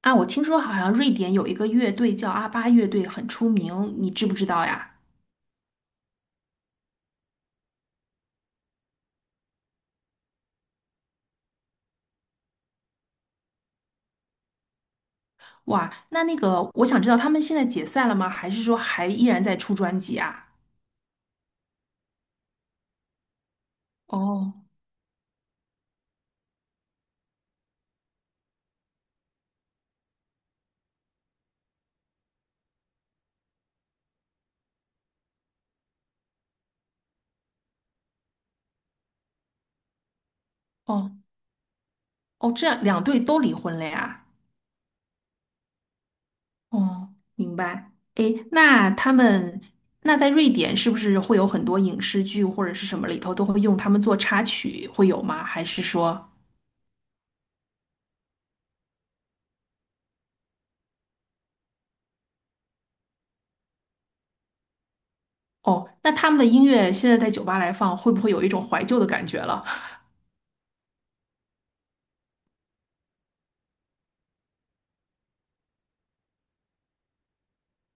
啊，我听说好像瑞典有一个乐队叫阿巴乐队，很出名，你知不知道呀？哇，那个，我想知道他们现在解散了吗？还是说还依然在出专辑啊？哦哦哦，这样2队都离婚了呀？哦，明白。诶，那他们那在瑞典是不是会有很多影视剧或者是什么里头都会用他们做插曲，会有吗？还是说，哦，那他们的音乐现在在酒吧来放，会不会有一种怀旧的感觉了？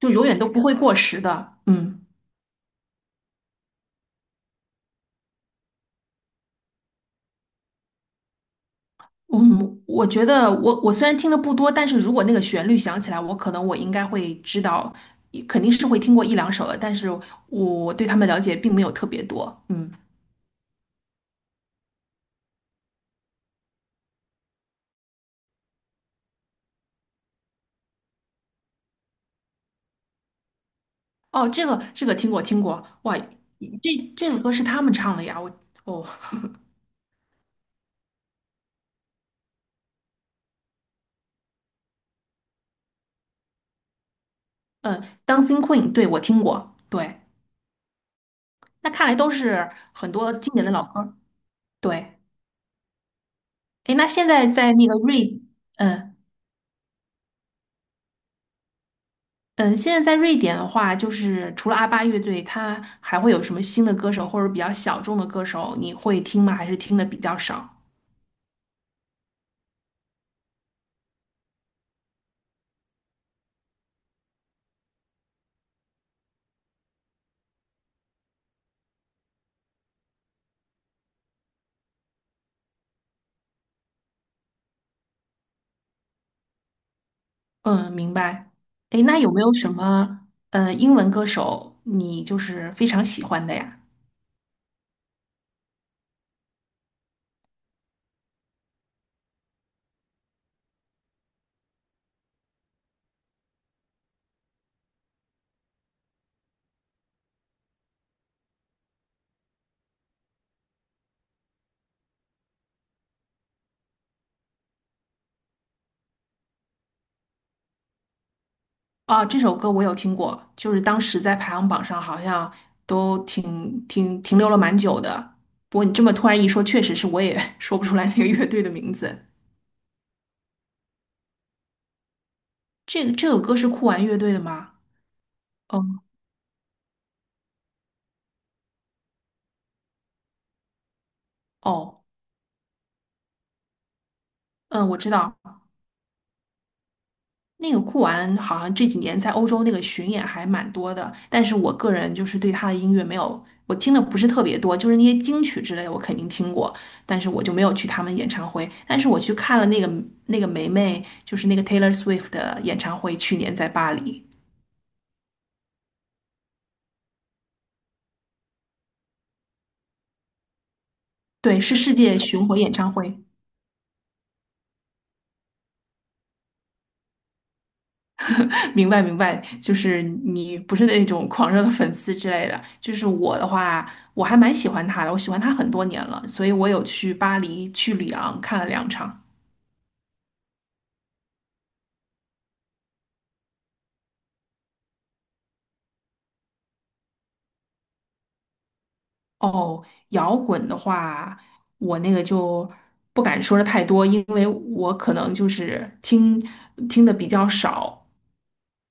就永远都不会过时的。嗯。嗯，我觉得我虽然听的不多，但是如果那个旋律响起来，我可能我应该会知道，肯定是会听过一两首的，但是我对他们了解并没有特别多。嗯，哦，这个听过听过，哇，这个歌是他们唱的呀，我哦，嗯，Dancing Queen，对，我听过，对，那看来都是很多经典的老歌，对，诶，那现在在那个瑞，嗯。嗯，现在在瑞典的话，就是除了阿巴乐队，它还会有什么新的歌手或者比较小众的歌手，你会听吗？还是听的比较少？嗯，明白。诶，那有没有什么英文歌手你就是非常喜欢的呀？啊，这首歌我有听过，就是当时在排行榜上好像都挺停留了蛮久的。不过你这么突然一说，确实是我也 说不出来那个乐队的名字。这首歌是酷玩乐队的吗？哦哦，嗯，我知道。那个酷玩好像这几年在欧洲那个巡演还蛮多的，但是我个人就是对他的音乐没有，我听的不是特别多，就是那些金曲之类的我肯定听过，但是我就没有去他们演唱会。但是我去看了那个梅梅，就是那个 Taylor Swift 的演唱会，去年在巴黎，对，是世界巡回演唱会。明白明白，就是你不是那种狂热的粉丝之类的，就是我的话，我还蛮喜欢他的，我喜欢他很多年了，所以我有去巴黎、去里昂看了2场。哦，摇滚的话，我那个就不敢说的太多，因为我可能就是听的比较少。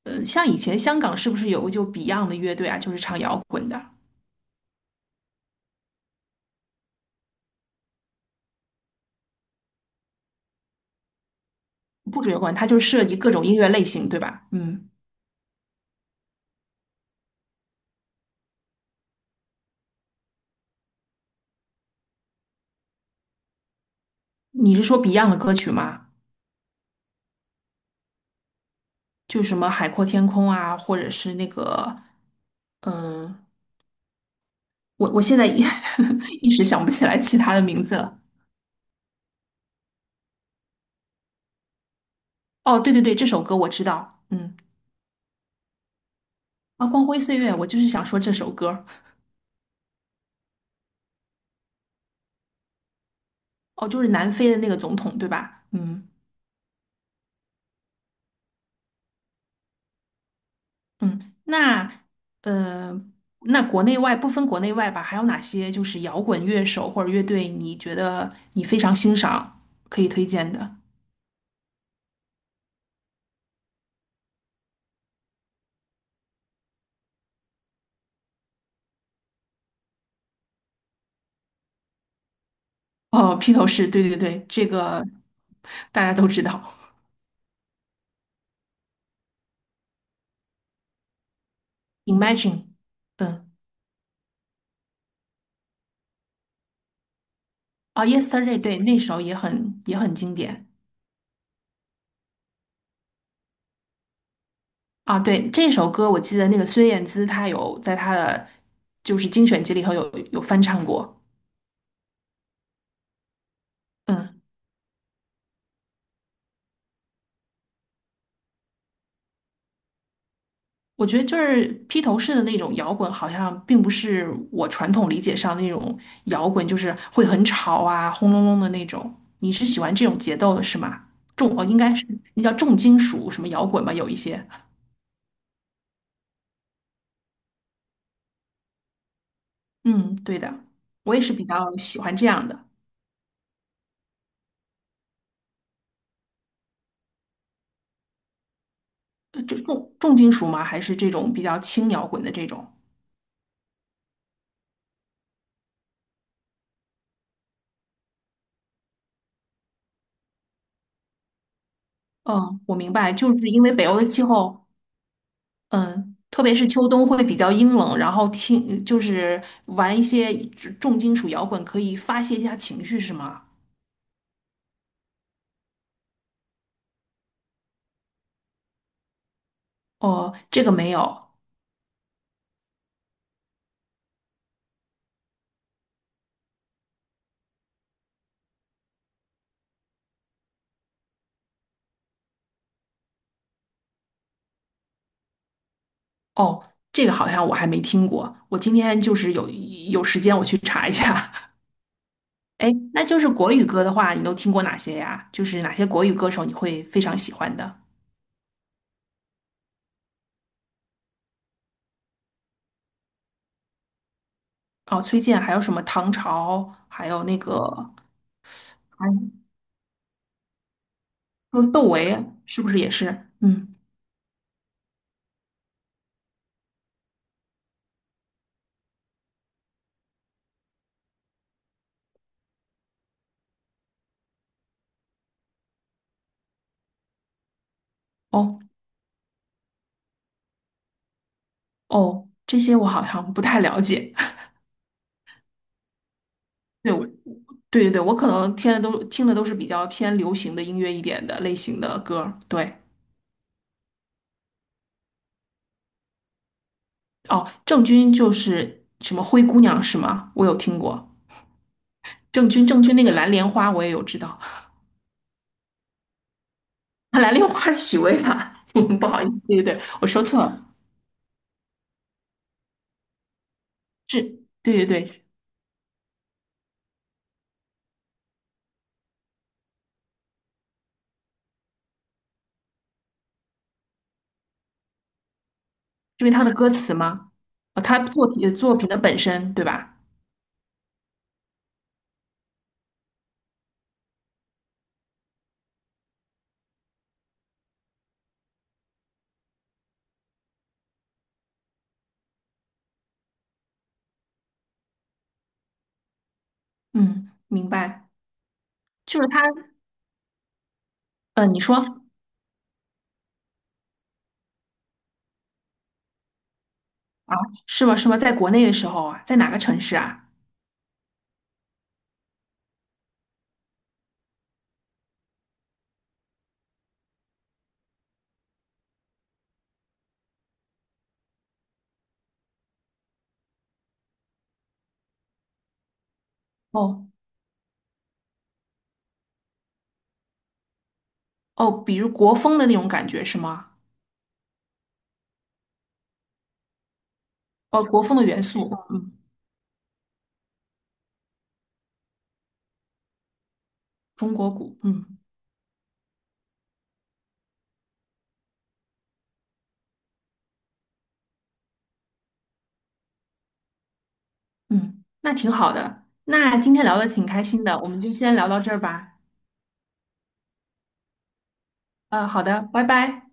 像以前香港是不是有个就 Beyond 的乐队啊，就是唱摇滚的，不止摇滚，它就涉及各种音乐类型，对吧？嗯，你是说 Beyond 的歌曲吗？就什么《海阔天空》啊，或者是那个，嗯、我现在一时想不起来其他的名字了。哦，对对对，这首歌我知道，嗯，啊，《光辉岁月》，我就是想说这首歌。哦，就是南非的那个总统，对吧？嗯嗯，那呃，那国内外不分国内外吧，还有哪些就是摇滚乐手或者乐队，你觉得你非常欣赏，可以推荐的？哦，披头士，对对对，这个大家都知道。Imagine，嗯，啊，Yesterday，对，那首也很经典啊。对，这首歌我记得那个孙燕姿她有在她的就是精选集里头有翻唱过。嗯。我觉得就是披头士的那种摇滚，好像并不是我传统理解上那种摇滚，就是会很吵啊、轰隆隆的那种。你是喜欢这种节奏的是吗？重哦，应该是那叫重金属什么摇滚吗？有一些。嗯，对的，我也是比较喜欢这样的。就重金属吗？还是这种比较轻摇滚的这种？嗯，我明白，就是因为北欧的气候。嗯，特别是秋冬会比较阴冷，然后就是玩一些重金属摇滚，可以发泄一下情绪，是吗？哦，这个没有，哦，这个好像我还没听过。我今天就是有时间我去查一下。哎，那就是国语歌的话，你都听过哪些呀？就是哪些国语歌手你会非常喜欢的？哦，崔健，还有什么唐朝，还有那个，还有窦唯，是不是也是？嗯，哦哦，这些我好像不太了解。对，对对对，我可能听的都是比较偏流行的音乐一点的类型的歌儿对，哦，郑钧就是什么灰姑娘是吗？我有听过郑钧，郑钧那个蓝莲花我也有知道，蓝莲花是许巍吧？不好意思，对对对，我说错了，是，对对对，是因为他的歌词吗？哦，他作品的本身对吧？嗯，明白，就是他，你说啊，是吗？是吗？在国内的时候啊，在哪个城市啊？哦。哦，比如国风的那种感觉是吗？哦，国风的元素，嗯，中国鼓，嗯嗯，那挺好的。那今天聊的挺开心的，我们就先聊到这儿吧。好的，拜拜。